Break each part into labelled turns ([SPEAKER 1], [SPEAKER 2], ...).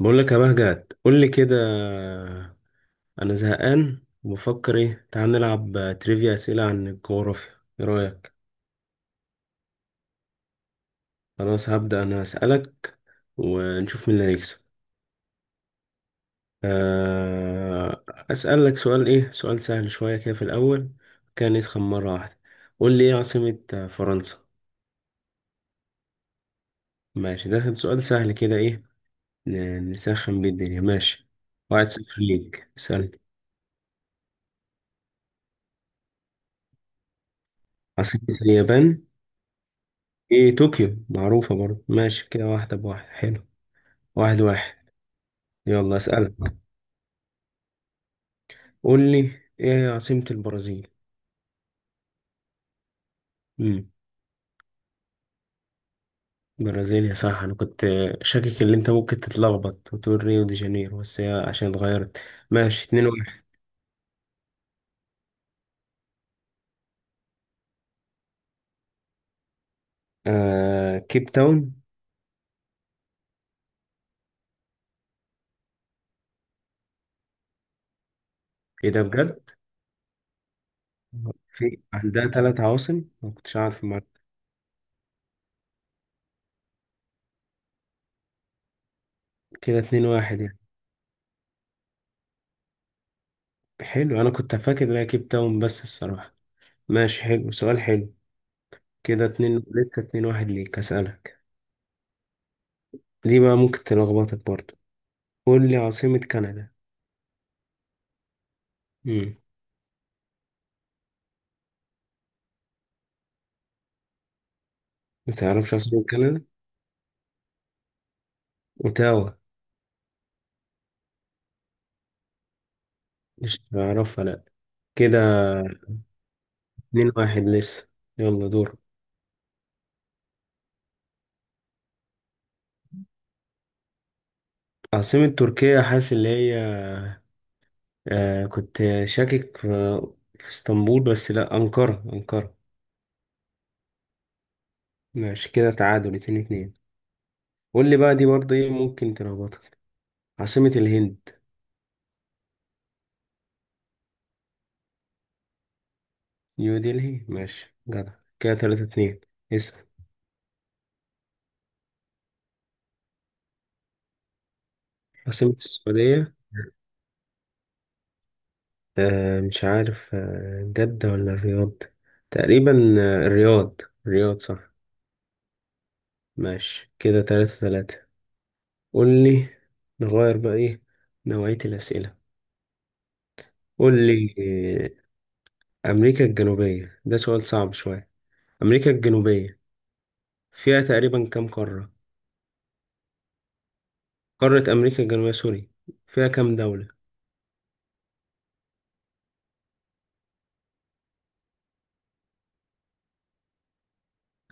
[SPEAKER 1] بقول لك يا مهجد، قول لي كده. انا زهقان وبفكر ايه. تعال نلعب تريفيا، اسئله عن الجغرافيا. ايه رايك؟ خلاص، هبدا انا اسالك ونشوف مين اللي هيكسب. آه. اسالك سؤال. ايه، سؤال سهل شويه كده في الاول، كان يسخن مره واحده. قول لي ايه عاصمه فرنسا؟ ماشي، ده كان سؤال سهل كده، ايه نسخن بيه الدنيا. ماشي، واحد صفر ليك. اسالني عاصمه اليابان. ايه، طوكيو، معروفة برضه. ماشي كده، واحدة بواحد. حلو، واحد واحد. يلا اسألك، قول لي ايه هي عاصمة البرازيل؟ امم، البرازيل. يا صح، انا كنت شاكك ان انت ممكن تتلخبط وتقول ريو دي جانيرو، بس هي عشان اتغيرت. ماشي، اتنين واحد. آه، كيب تاون. ايه ده بجد؟ في عندها تلات عواصم، ما كنتش عارف المعلومة. كده اتنين واحد يعني. حلو، انا كنت فاكر ان هي كيب تاون بس الصراحة. ماشي، حلو، سؤال حلو. كده اتنين، لسه اتنين واحد ليك. اسألك دي بقى، ممكن تلخبطك برضه. قول لي عاصمة كندا. امم. ما تعرفش عاصمة كندا؟ اوتاوا. مش هتعرفها، لا. كده اتنين واحد لسه. يلا دور. عاصمة تركيا، حاسس اللي هي، كنت شاكك في اسطنبول، بس لا، أنقرة أنقرة. ماشي كده، تعادل اتنين اتنين. قول لي بقى دي برضه، ايه ممكن تلخبطك. عاصمة الهند؟ نيو دلهي. ماشي جدع. كده تلاتة اتنين. اسأل. عاصمة السعودية، مش عارف، جدة ولا الرياض؟ تقريبا، آه الرياض. الرياض، صح. ماشي كده، تلاتة تلاتة. قول لي، نغير بقى ايه، نوعية الأسئلة. قول لي. أمريكا الجنوبية، ده سؤال صعب شوية. أمريكا الجنوبية فيها تقريبا كام قارة؟ قارة أمريكا الجنوبية، سوري، فيها كام دولة؟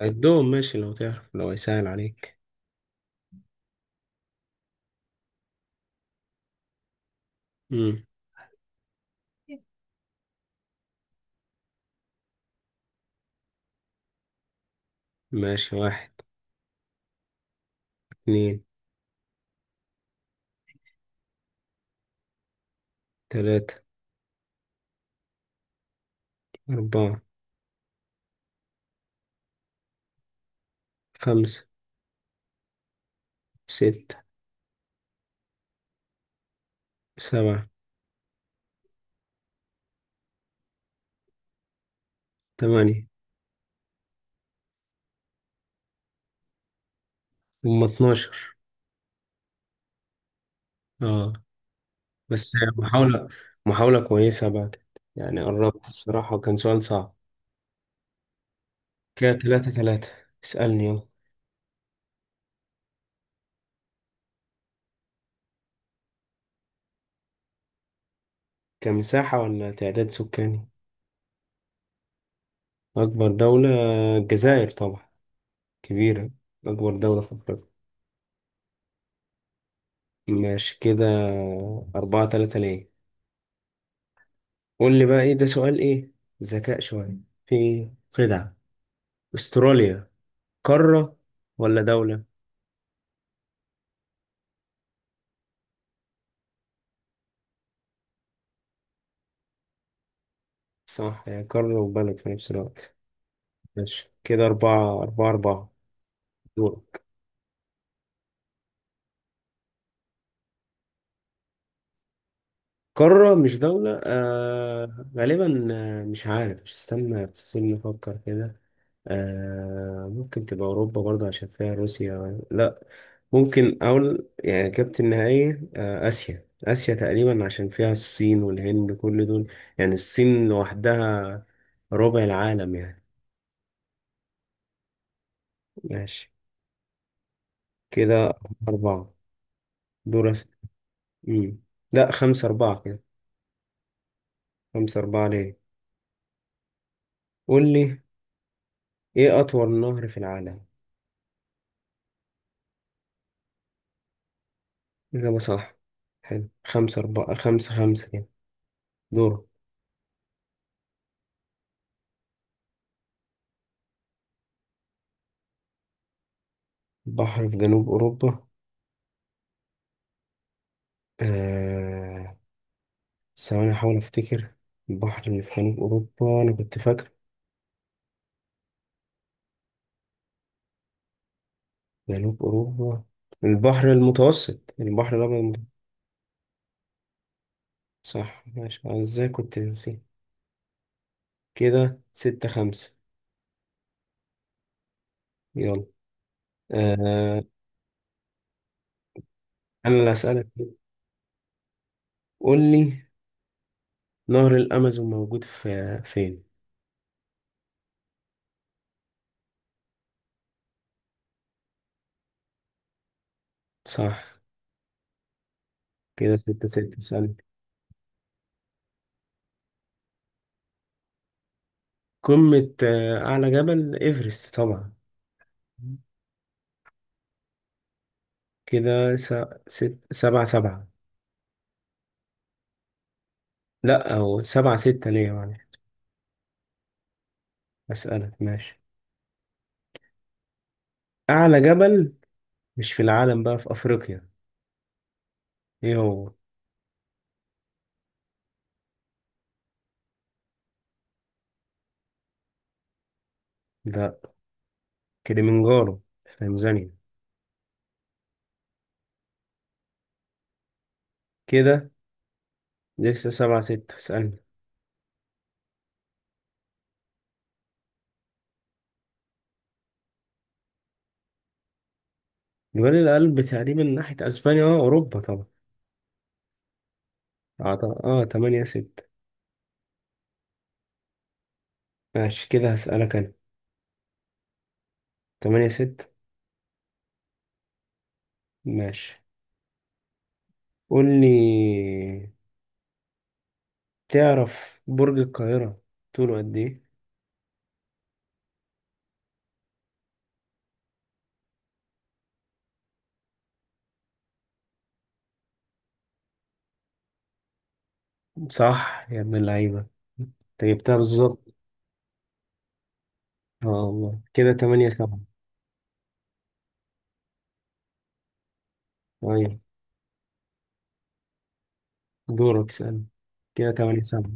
[SPEAKER 1] عدهم ماشي لو تعرف، لو هيسهل عليك. مم. ماشي، واحد، اتنين، تلاتة، أربعة، خمسة، ستة، سبعة، تمانية. هم 12. اه، بس محاولة، محاولة كويسة بعد. يعني قربت الصراحة، وكان سؤال صعب. كده تلاتة تلاتة. اسألني يلا. كمساحة ولا تعداد سكاني؟ أكبر دولة الجزائر طبعا، كبيرة، أكبر دولة في أفريقيا. ماشي كده، أربعة تلاتة ليه. قول لي بقى إيه، ده سؤال إيه، ذكاء شوية، في خدعة. أستراليا قارة ولا دولة؟ صح، هي قارة وبلد في نفس الوقت. ماشي كده، أربعة أربعة أربعة دول. قارة مش دولة، آه غالبا، آه مش عارف، مش، استنى استنى نفكر كده. آه ممكن تبقى أوروبا برضه عشان فيها روسيا، لا. ممكن أقول يعني إجابتي النهائية، آسيا. آسيا تقريبا عشان فيها الصين والهند كل دول. يعني الصين لوحدها ربع العالم يعني. ماشي كده، أربعة دول مم. لا، خمسة أربعة كده. خمسة أربعة ليه. قول لي، إيه أطول نهر في العالم؟ إجابة صح. حلو، خمسة أربعة، خمسة خمسة كده. دور. بحر في جنوب أوروبا. آه... ثواني أحاول أفتكر. البحر اللي في جنوب أوروبا، أنا كنت فاكر جنوب أوروبا. البحر المتوسط، البحر الأبيض صح. ماشي، أنا إزاي كنت نسيت. كده ستة خمسة. يلا. آه... أنا اللي هسألك. قول لي، نهر الأمازون موجود في فين؟ صح. كده ستة ستة. سألت. قمة، أعلى جبل إيفرست طبعا. كده سبعة سبعة. لا، أو سبعة ستة ليا، معلش. أسألك ماشي. أعلى جبل، مش في العالم بقى، في أفريقيا، إيه هو؟ ده كليمنجارو في تنزانيا. كده لسه سبعة ستة. اسألني. جبال الألب تقريبا ناحية أسبانيا، أه أوروبا طبعا. أه تمانية ستة. ماشي كده، هسألك أنا. تمانية ستة. ماشي، قول لي، تعرف برج القاهرة طوله قد إيه؟ صح يا ابن اللعيبة، انت جبتها بالظبط. اه والله، كده تمانية سبعة. أيوة. دورك، سأل. كده تمانية سبعة.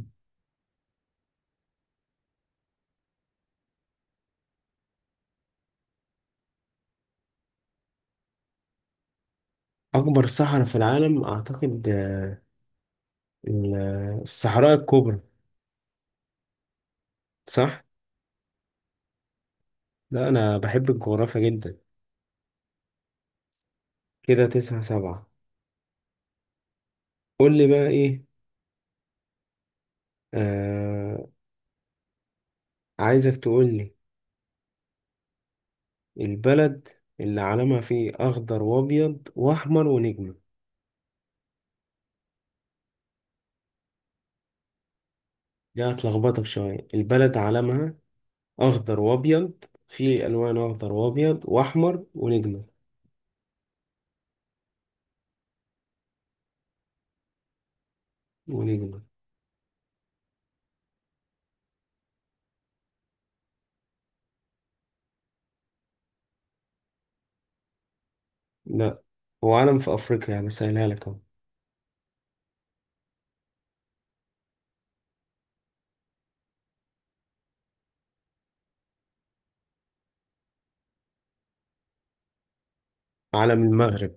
[SPEAKER 1] أكبر صحراء في العالم، أعتقد الصحراء الكبرى. صح؟ لا أنا بحب الجغرافيا جدا. كده تسعة سبعة. قول لي بقى إيه. آه عايزك تقول لي البلد اللي علمها فيه أخضر وأبيض وأحمر ونجمة. دي هتلخبطك شوية. البلد علمها أخضر وأبيض، فيه ألوان أخضر وأبيض وأحمر ونجمة. ونجمة لا، هو علم في افريقيا يعني، سهلها لك اهو. علم المغرب.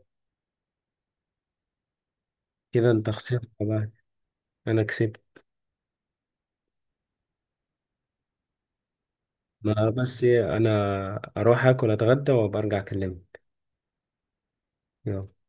[SPEAKER 1] كده انت خسرت بقى، انا كسبت. ما بس إيه، انا اروح اكل اتغدى وابقى ارجع اكلمك. يلا